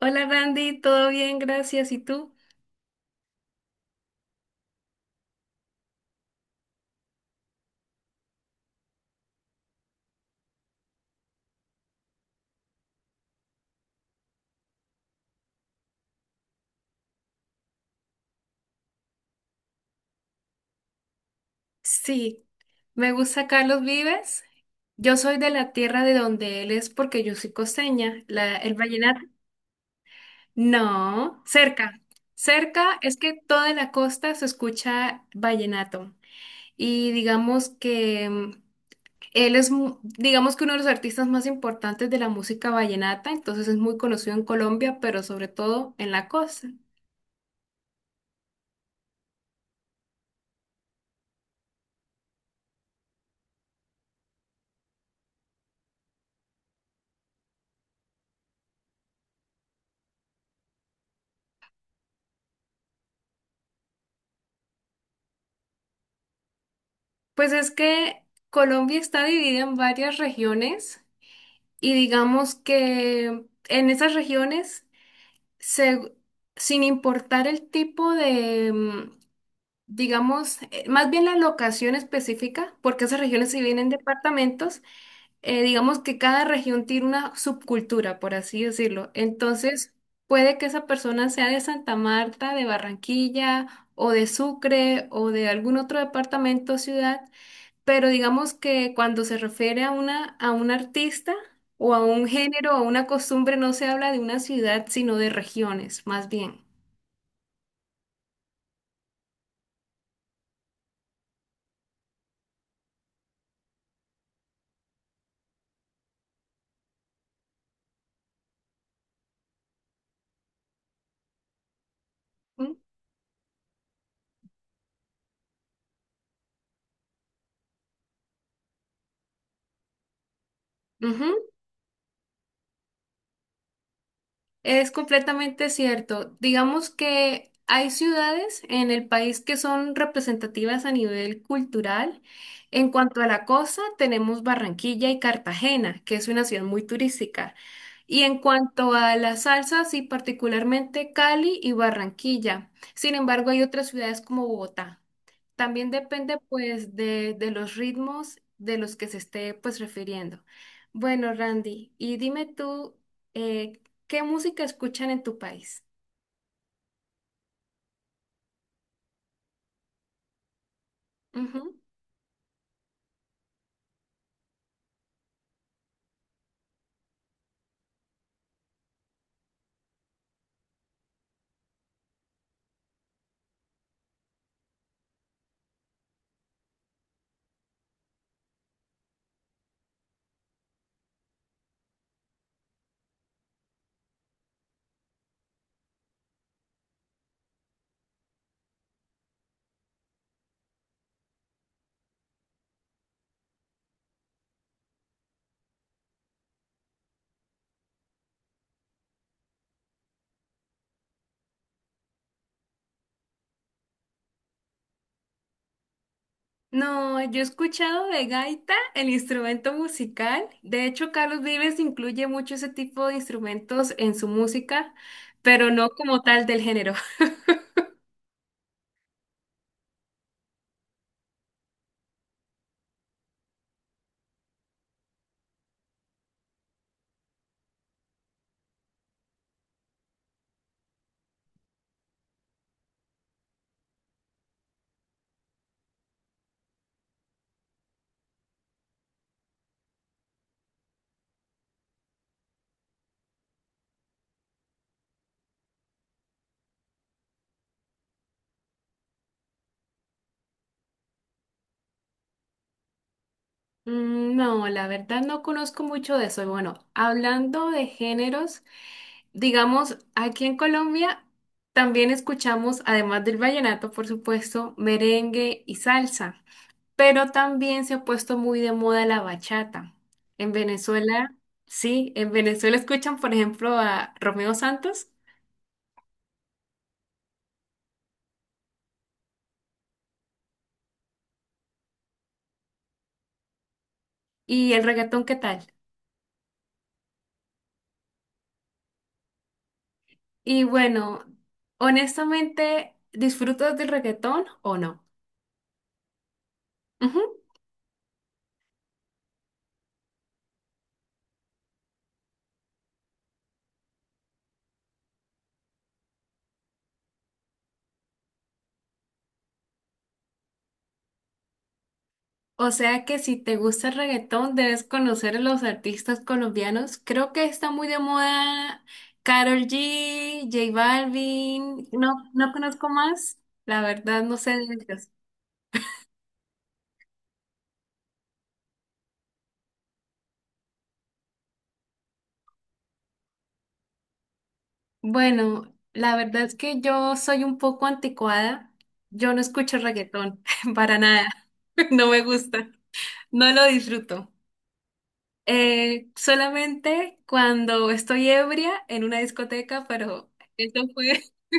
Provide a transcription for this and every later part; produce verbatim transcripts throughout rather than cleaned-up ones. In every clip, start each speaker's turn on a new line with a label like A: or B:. A: Hola Randy, todo bien, gracias. ¿Y tú? Sí, me gusta Carlos Vives. Yo soy de la tierra de donde él es porque yo soy costeña. La, el vallenato. No, cerca. Cerca es que toda la costa se escucha vallenato. Y digamos que mm, él es, mu- digamos que uno de los artistas más importantes de la música vallenata, entonces es muy conocido en Colombia, pero sobre todo en la costa. Pues es que Colombia está dividida en varias regiones. Y digamos que en esas regiones, se- sin importar el tipo de, mm, digamos, eh, más bien la locación específica, porque esas regiones se vienen en departamentos, eh, digamos que cada región tiene una subcultura, por así decirlo. Entonces, puede que esa persona sea de Santa Marta, de Barranquilla, o de Sucre, o de algún otro departamento o ciudad. Pero digamos que cuando se refiere a una, a un artista o a un género o a una costumbre, no se habla de una ciudad, sino de regiones, más bien. ¿Mm? Ujú. Es completamente cierto. Digamos que hay ciudades en el país que son representativas a nivel cultural. En cuanto a la costa, tenemos Barranquilla y Cartagena, que es una ciudad muy turística. Y en cuanto a las salsas, sí, particularmente Cali y Barranquilla. Sin embargo, hay otras ciudades como Bogotá. También depende pues de, de los ritmos de los que se esté pues refiriendo. Bueno, Randy, y dime tú, eh, ¿qué música escuchan en tu país? Ujú. No, yo he escuchado de gaita, el instrumento musical. De hecho, Carlos Vives incluye mucho ese tipo de instrumentos en su música, pero no como tal del género. Mm, no, la verdad no conozco mucho de eso. Y bueno, hablando de géneros, digamos, aquí en Colombia también escuchamos, además del vallenato, por supuesto, merengue y salsa. Pero también se ha puesto muy de moda la bachata. En Venezuela, sí, en Venezuela escuchan, por ejemplo, a Romeo Santos y el reggaetón, ¿qué tal? Y bueno, honestamente, ¿disfrutas del reggaetón o no? Ujú. O sea que si te gusta el reggaetón, debes conocer a los artistas colombianos. Creo que está muy de moda Karol G, J Balvin, no, no conozco más, la verdad no sé de ellos. Bueno, la verdad es que yo soy un poco anticuada. Yo no escucho reggaetón para nada. No me gusta. No lo disfruto. Eh, solamente cuando estoy ebria en una discoteca, pero eso fue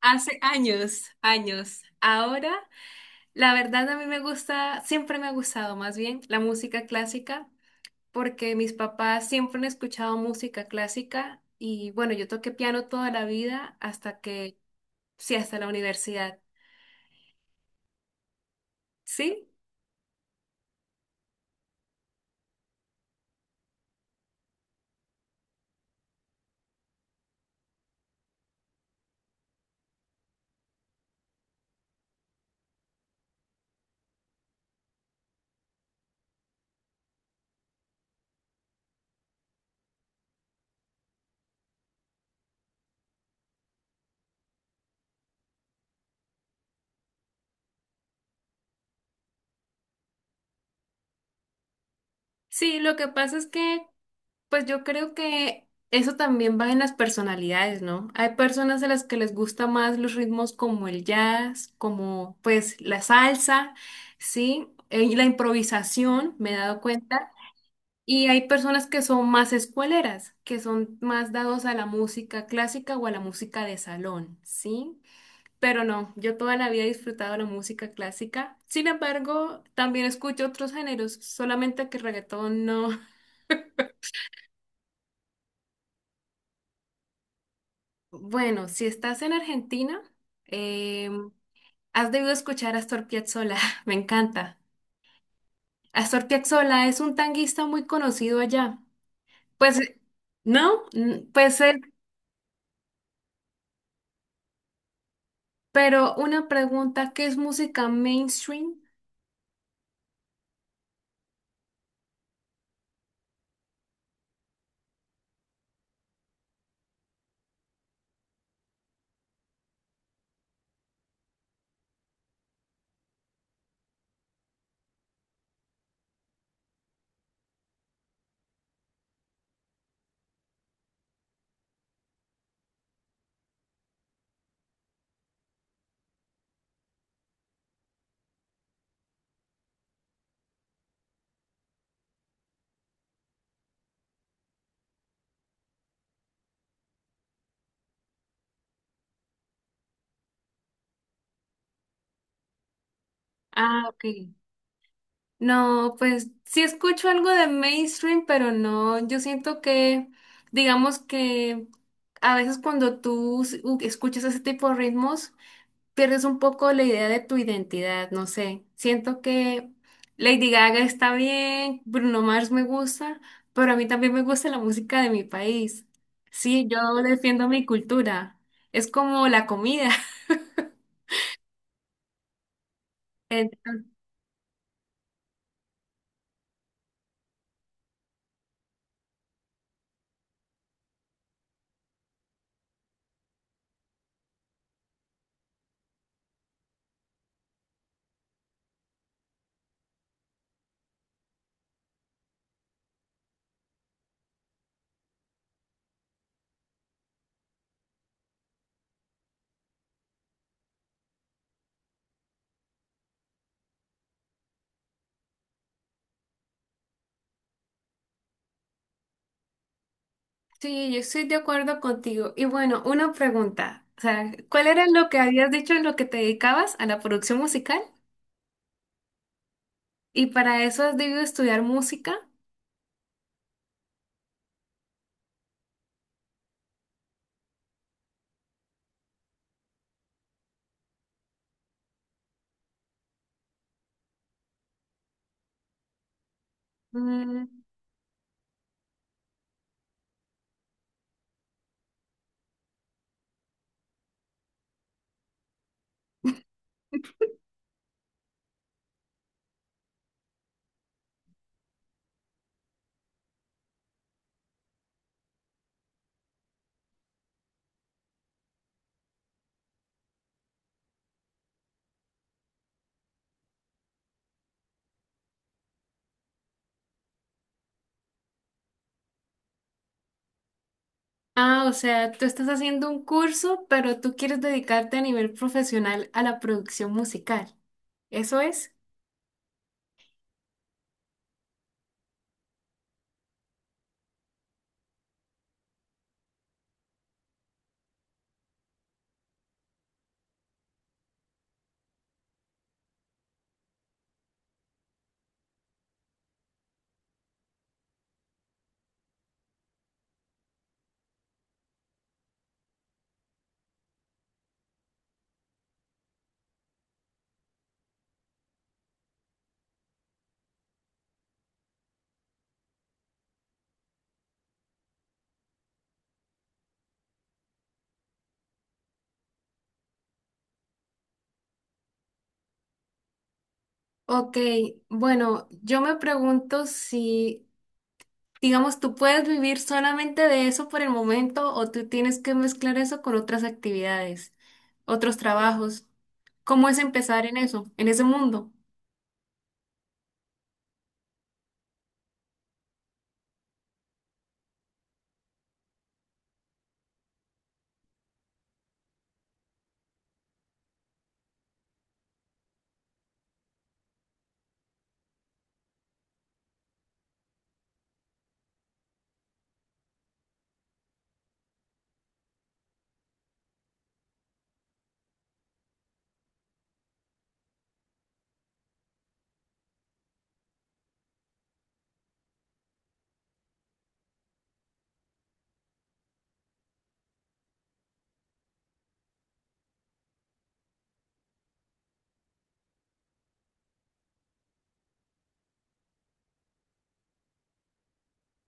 A: hace años, años. Ahora, la verdad a mí me gusta, siempre me ha gustado más bien la música clásica, porque mis papás siempre han escuchado música clásica y bueno, yo toqué piano toda la vida hasta que... Sí, hasta la universidad. Sí, sí, lo que pasa es que, pues yo creo que eso también va en las personalidades, ¿no? Hay personas a las que les gusta más los ritmos como el jazz, como pues la salsa, ¿sí? Eh, Y la improvisación, me he dado cuenta. Y hay personas que son más escueleras, que son más dados a la música clásica o a la música de salón, ¿sí? Pero no, yo toda la vida he disfrutado la música clásica. Sin embargo, también escucho otros géneros, solamente que reggaetón no. Bueno, si estás en Argentina, eh, has debido escuchar a Astor Piazzolla, me encanta. Astor Piazzolla es un tanguista muy conocido allá. Pues, eh, ¿no? Mm, pues él... Pero una pregunta, ¿qué es música mainstream? Ah, ok. No, pues sí escucho algo de mainstream, pero no, yo siento que, digamos que a veces cuando tú s- u- escuchas ese tipo de ritmos, pierdes un poco la idea de tu identidad, no sé. Siento que Lady Gaga está bien, Bruno Mars me gusta, pero a mí también me gusta la música de mi país. Sí, yo defiendo mi cultura. Es como la comida. Sí, yo estoy de acuerdo contigo. Y bueno, una pregunta. O sea, ¿cuál era lo que habías dicho en lo que te dedicabas a la producción musical? ¿Y para eso has debido estudiar música? Mm, ah, o sea, tú estás haciendo un curso, pero tú quieres dedicarte a nivel profesional a la producción musical. ¿Eso es? Ok, bueno, yo me pregunto si, digamos, tú puedes vivir solamente de eso por el momento o tú tienes que mezclar eso con otras actividades, otros trabajos. ¿Cómo es empezar en eso, en ese mundo?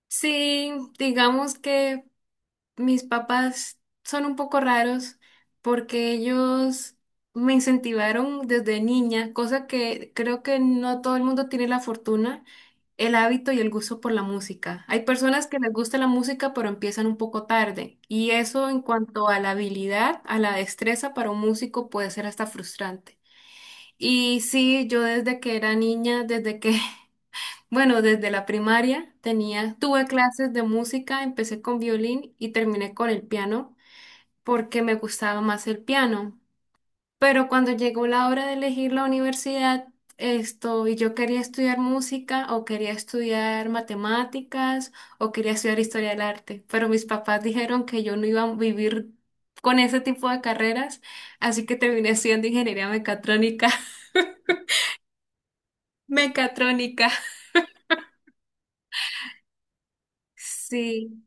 A: Sí, digamos que mis papás son un poco raros porque ellos me incentivaron desde niña, cosa que creo que no todo el mundo tiene la fortuna, el hábito y el gusto por la música. Hay personas que les gusta la música pero empiezan un poco tarde y eso en cuanto a la habilidad, a la destreza para un músico puede ser hasta frustrante. Y sí, yo desde que era niña, desde que bueno, desde la primaria tenía, tuve clases de música, empecé con violín y terminé con el piano porque me gustaba más el piano. Pero cuando llegó la hora de elegir la universidad, esto, y yo quería estudiar música o quería estudiar matemáticas o quería estudiar historia del arte, pero mis papás dijeron que yo no iba a vivir con ese tipo de carreras, así que terminé estudiando ingeniería mecatrónica. Mecatrónica. Sí.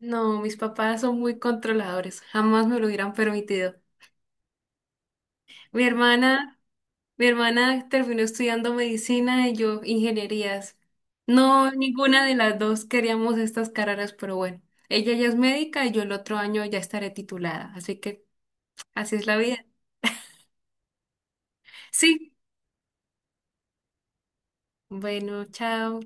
A: No, mis papás son muy controladores, jamás me lo hubieran permitido. Mi hermana Mi hermana terminó estudiando medicina y yo ingenierías. No, ninguna de las dos queríamos estas carreras, pero bueno, ella ya es médica y yo el otro año ya estaré titulada, así que así es la vida. Sí, bueno, chao.